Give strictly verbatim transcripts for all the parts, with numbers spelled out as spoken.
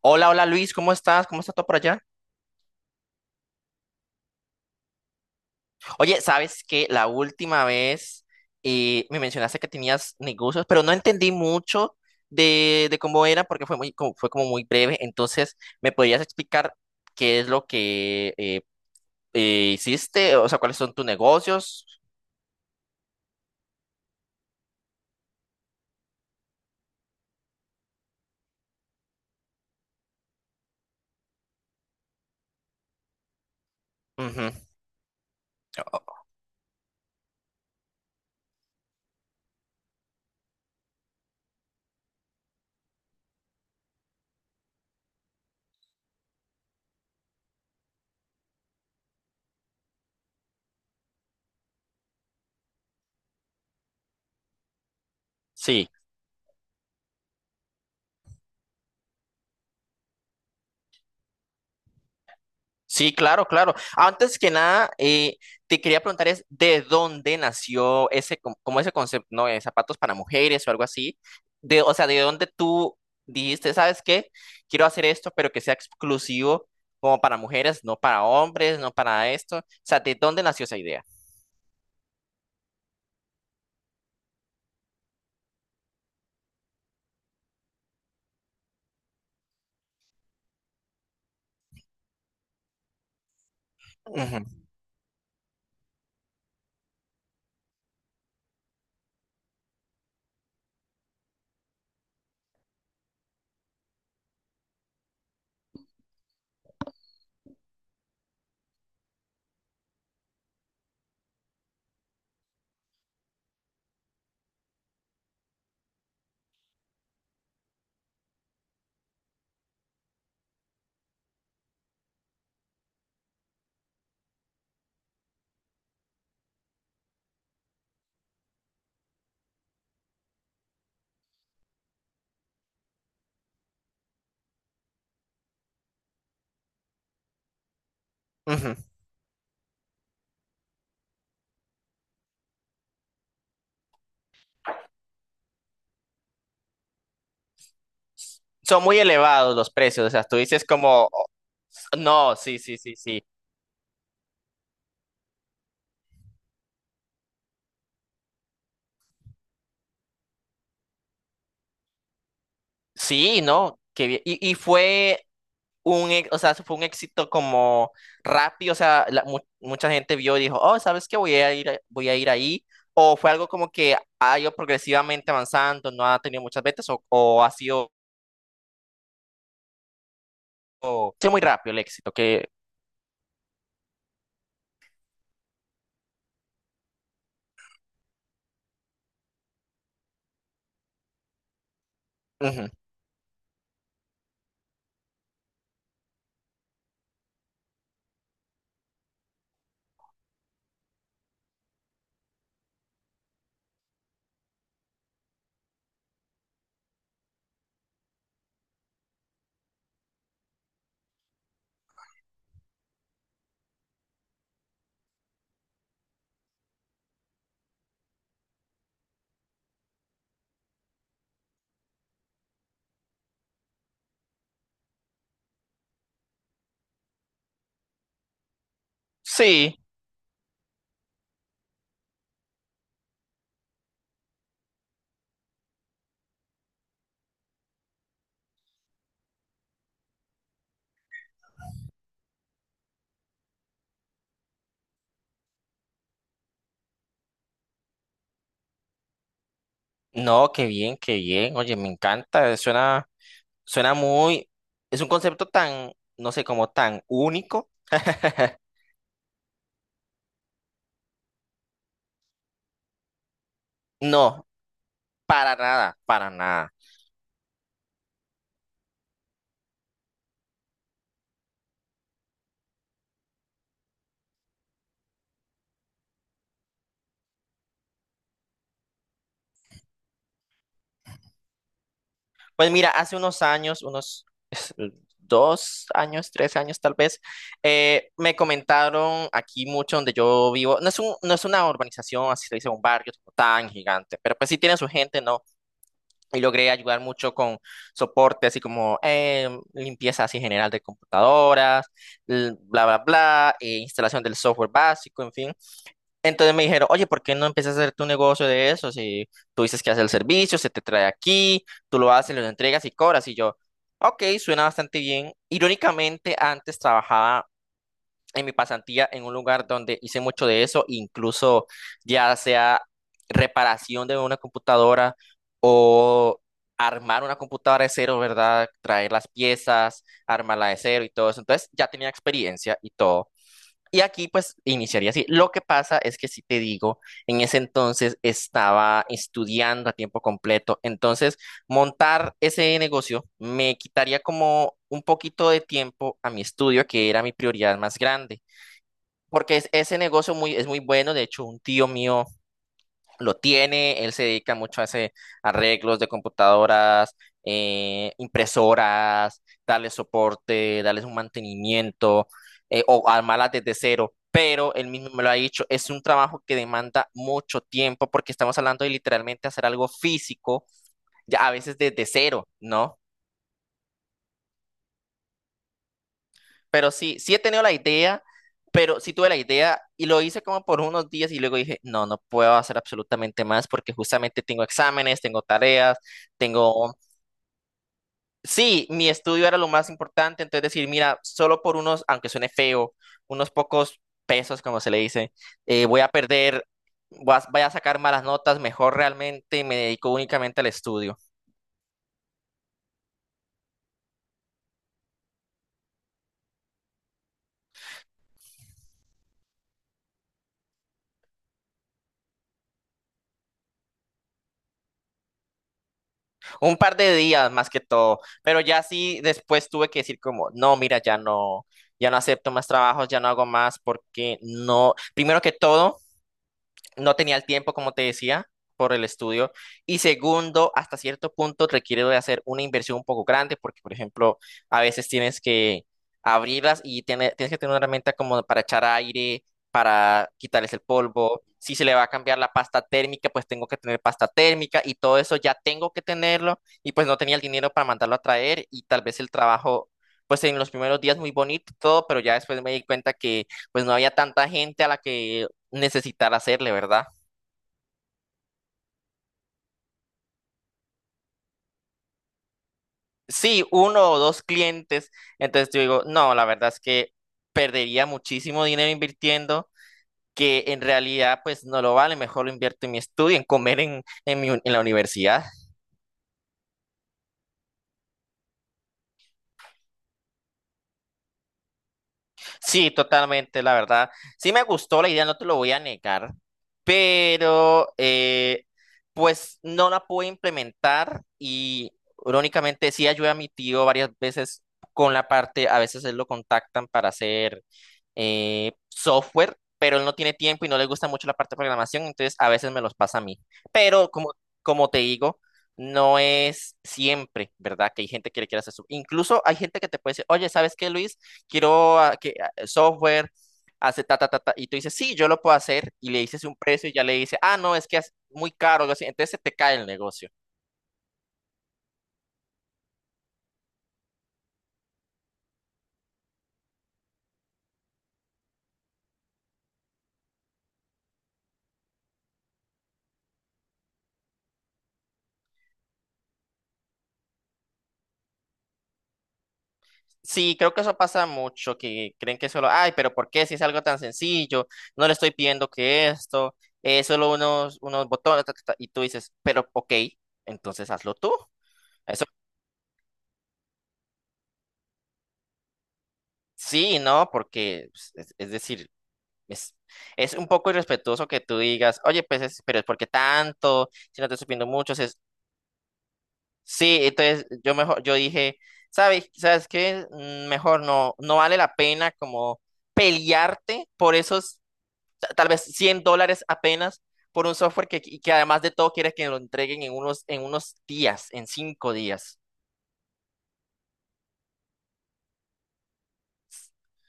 Hola, hola Luis, ¿cómo estás? ¿Cómo está todo por allá? Oye, ¿sabes que la última vez eh, me mencionaste que tenías negocios, pero no entendí mucho de, de cómo era porque fue muy, como, fue como muy breve. Entonces, ¿me podrías explicar qué es lo que eh, eh, hiciste? O sea, ¿cuáles son tus negocios? Ujú. Sí. Sí, claro, claro. Antes que nada, eh, te quería preguntar es de dónde nació ese, co- como ese concepto, ¿no?, de zapatos para mujeres o algo así. De, o sea, de dónde tú dijiste, ¿sabes qué? Quiero hacer esto, pero que sea exclusivo como para mujeres, no para hombres, no para esto. O sea, ¿de dónde nació esa idea? Ujú, ujú. Son muy elevados los precios, o sea, tú dices como: "Oh, no, sí, sí, sí, sí. Sí, no, qué bien. ¿Y, y fue un, ex- o sea, fue un éxito como rápido, o sea, la- mu- mucha gente vio y dijo, oh, ¿sabes qué? Voy a ir, a- voy a ir ahí. O fue algo como que ha ido progresivamente avanzando, no ha tenido muchas ventas o, o ha sido, o- ha sido muy rápido el éxito, que ujú. Sí, no, qué bien, qué bien, oye, me encanta, eh, suena, suena muy, es un concepto tan, no sé, como tan único, no, para nada, para nada. Pues mira, hace unos años, unos dos años, tres años tal vez, eh, me comentaron aquí mucho donde yo vivo, no es un, no es una urbanización, así se dice, un barrio como tan gigante, pero pues sí tiene su gente, ¿no? Y logré ayudar mucho con soporte, así como eh, limpieza así general de computadoras, l- bla, bla, bla, eh, instalación del software básico, en fin. Entonces me dijeron, oye, ¿por qué no empiezas a hacer tu negocio de eso? Si tú dices que haces el servicio, se te trae aquí, tú lo haces, lo entregas y cobras. Y yo, ok, suena bastante bien. Irónicamente, antes trabajaba en mi pasantía en un lugar donde hice mucho de eso, incluso ya sea reparación de una computadora o armar una computadora de cero, ¿verdad? Traer las piezas, armarla de cero y todo eso. Entonces ya tenía experiencia y todo. Y aquí pues iniciaría así. Lo que pasa es que si te digo, en ese entonces estaba estudiando a tiempo completo, entonces montar ese negocio me quitaría como un poquito de tiempo a mi estudio, que era mi prioridad más grande, porque es, ese negocio muy, es muy bueno, de hecho un tío mío lo tiene, él se dedica mucho a hacer arreglos de computadoras, eh, impresoras, darles soporte, darles un mantenimiento eh, o armarlas desde cero. Pero él mismo me lo ha dicho, es un trabajo que demanda mucho tiempo porque estamos hablando de literalmente hacer algo físico, ya a veces desde cero, ¿no? Pero sí, sí he tenido la idea, pero sí tuve la idea y lo hice como por unos días y luego dije, no, no puedo hacer absolutamente más porque justamente tengo exámenes, tengo tareas, tengo Sí, mi estudio era lo más importante, entonces decir, mira, solo por unos, aunque suene feo, unos pocos pesos, como se le dice, eh, voy a perder, voy a, voy a sacar malas notas, mejor realmente me dedico únicamente al estudio. Un par de días más que todo, pero ya sí, después tuve que decir como, no, mira, ya no, ya no acepto más trabajos, ya no hago más, porque no, primero que todo. No tenía el tiempo, como te decía, por el estudio. Y segundo, hasta cierto punto requiere de hacer una inversión un poco grande, porque, por ejemplo, a veces tienes que abrirlas y tiene- tienes que tener una herramienta como para echar aire, para quitarles el polvo. Si se le va a cambiar la pasta térmica, pues tengo que tener pasta térmica y todo eso ya tengo que tenerlo. Y pues no tenía el dinero para mandarlo a traer y tal vez el trabajo. Pues en los primeros días muy bonito y todo, pero ya después me di cuenta que pues no había tanta gente a la que necesitar hacerle, ¿verdad? Sí, uno o dos clientes, entonces yo digo, no, la verdad es que perdería muchísimo dinero invirtiendo, que en realidad pues no lo vale, mejor lo invierto en mi estudio, en comer en, en mi- en la universidad. Sí, totalmente, la verdad. Sí me gustó la idea, no te lo voy a negar, pero eh, pues no la pude implementar y irónicamente sí ayudé a mi tío varias veces con la parte, a veces él lo contactan para hacer eh, software, pero él no tiene tiempo y no le gusta mucho la parte de programación, entonces a veces me los pasa a mí. Pero como, como te digo, no es siempre, ¿verdad? Que hay gente que le quiere hacer eso. Incluso hay gente que te puede decir, oye, ¿sabes qué, Luis? Quiero ah, que software, hace ta, ta, ta, ta, y tú dices, sí, yo lo puedo hacer, y le dices un precio y ya le dice, ah, no, es que es muy caro, algo así. Entonces se te cae el negocio. Sí, creo que eso pasa mucho, que creen que solo, ay, pero ¿por qué si es algo tan sencillo? No le estoy pidiendo que esto, es solo unos, unos botones, ta, ta, ta", y tú dices, pero ok, entonces hazlo tú. Eso sí, ¿no? Porque pues, es, es decir, es, es un poco irrespetuoso que tú digas, oye, pues, es, pero es porque tanto, si no te estoy pidiendo mucho, es, sí, entonces yo mejor, yo dije, ¿sabes, sabes qué? Mm, mejor no, no vale la pena como pelearte por esos ta- tal vez cien dólares apenas por un software que, que además de todo quieres que lo entreguen en unos, en unos días, en cinco días.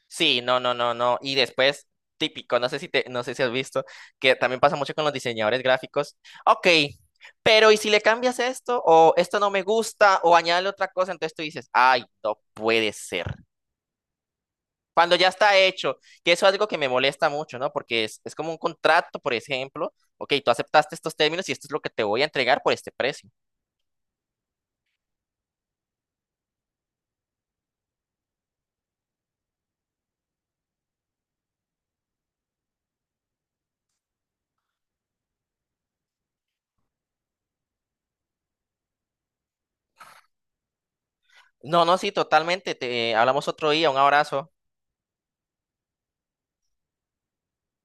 Sí, no, no, no, no. Y después, típico, no sé si te, no sé si has visto, que también pasa mucho con los diseñadores gráficos. Ok, pero ¿y si le cambias esto? O esto no me gusta, o añade otra cosa, entonces tú dices, ay, no puede ser. Cuando ya está hecho, que eso es algo que me molesta mucho, ¿no? Porque es, es como un contrato, por ejemplo, ok, tú aceptaste estos términos y esto es lo que te voy a entregar por este precio. No, no, sí, totalmente, te hablamos otro día, un abrazo.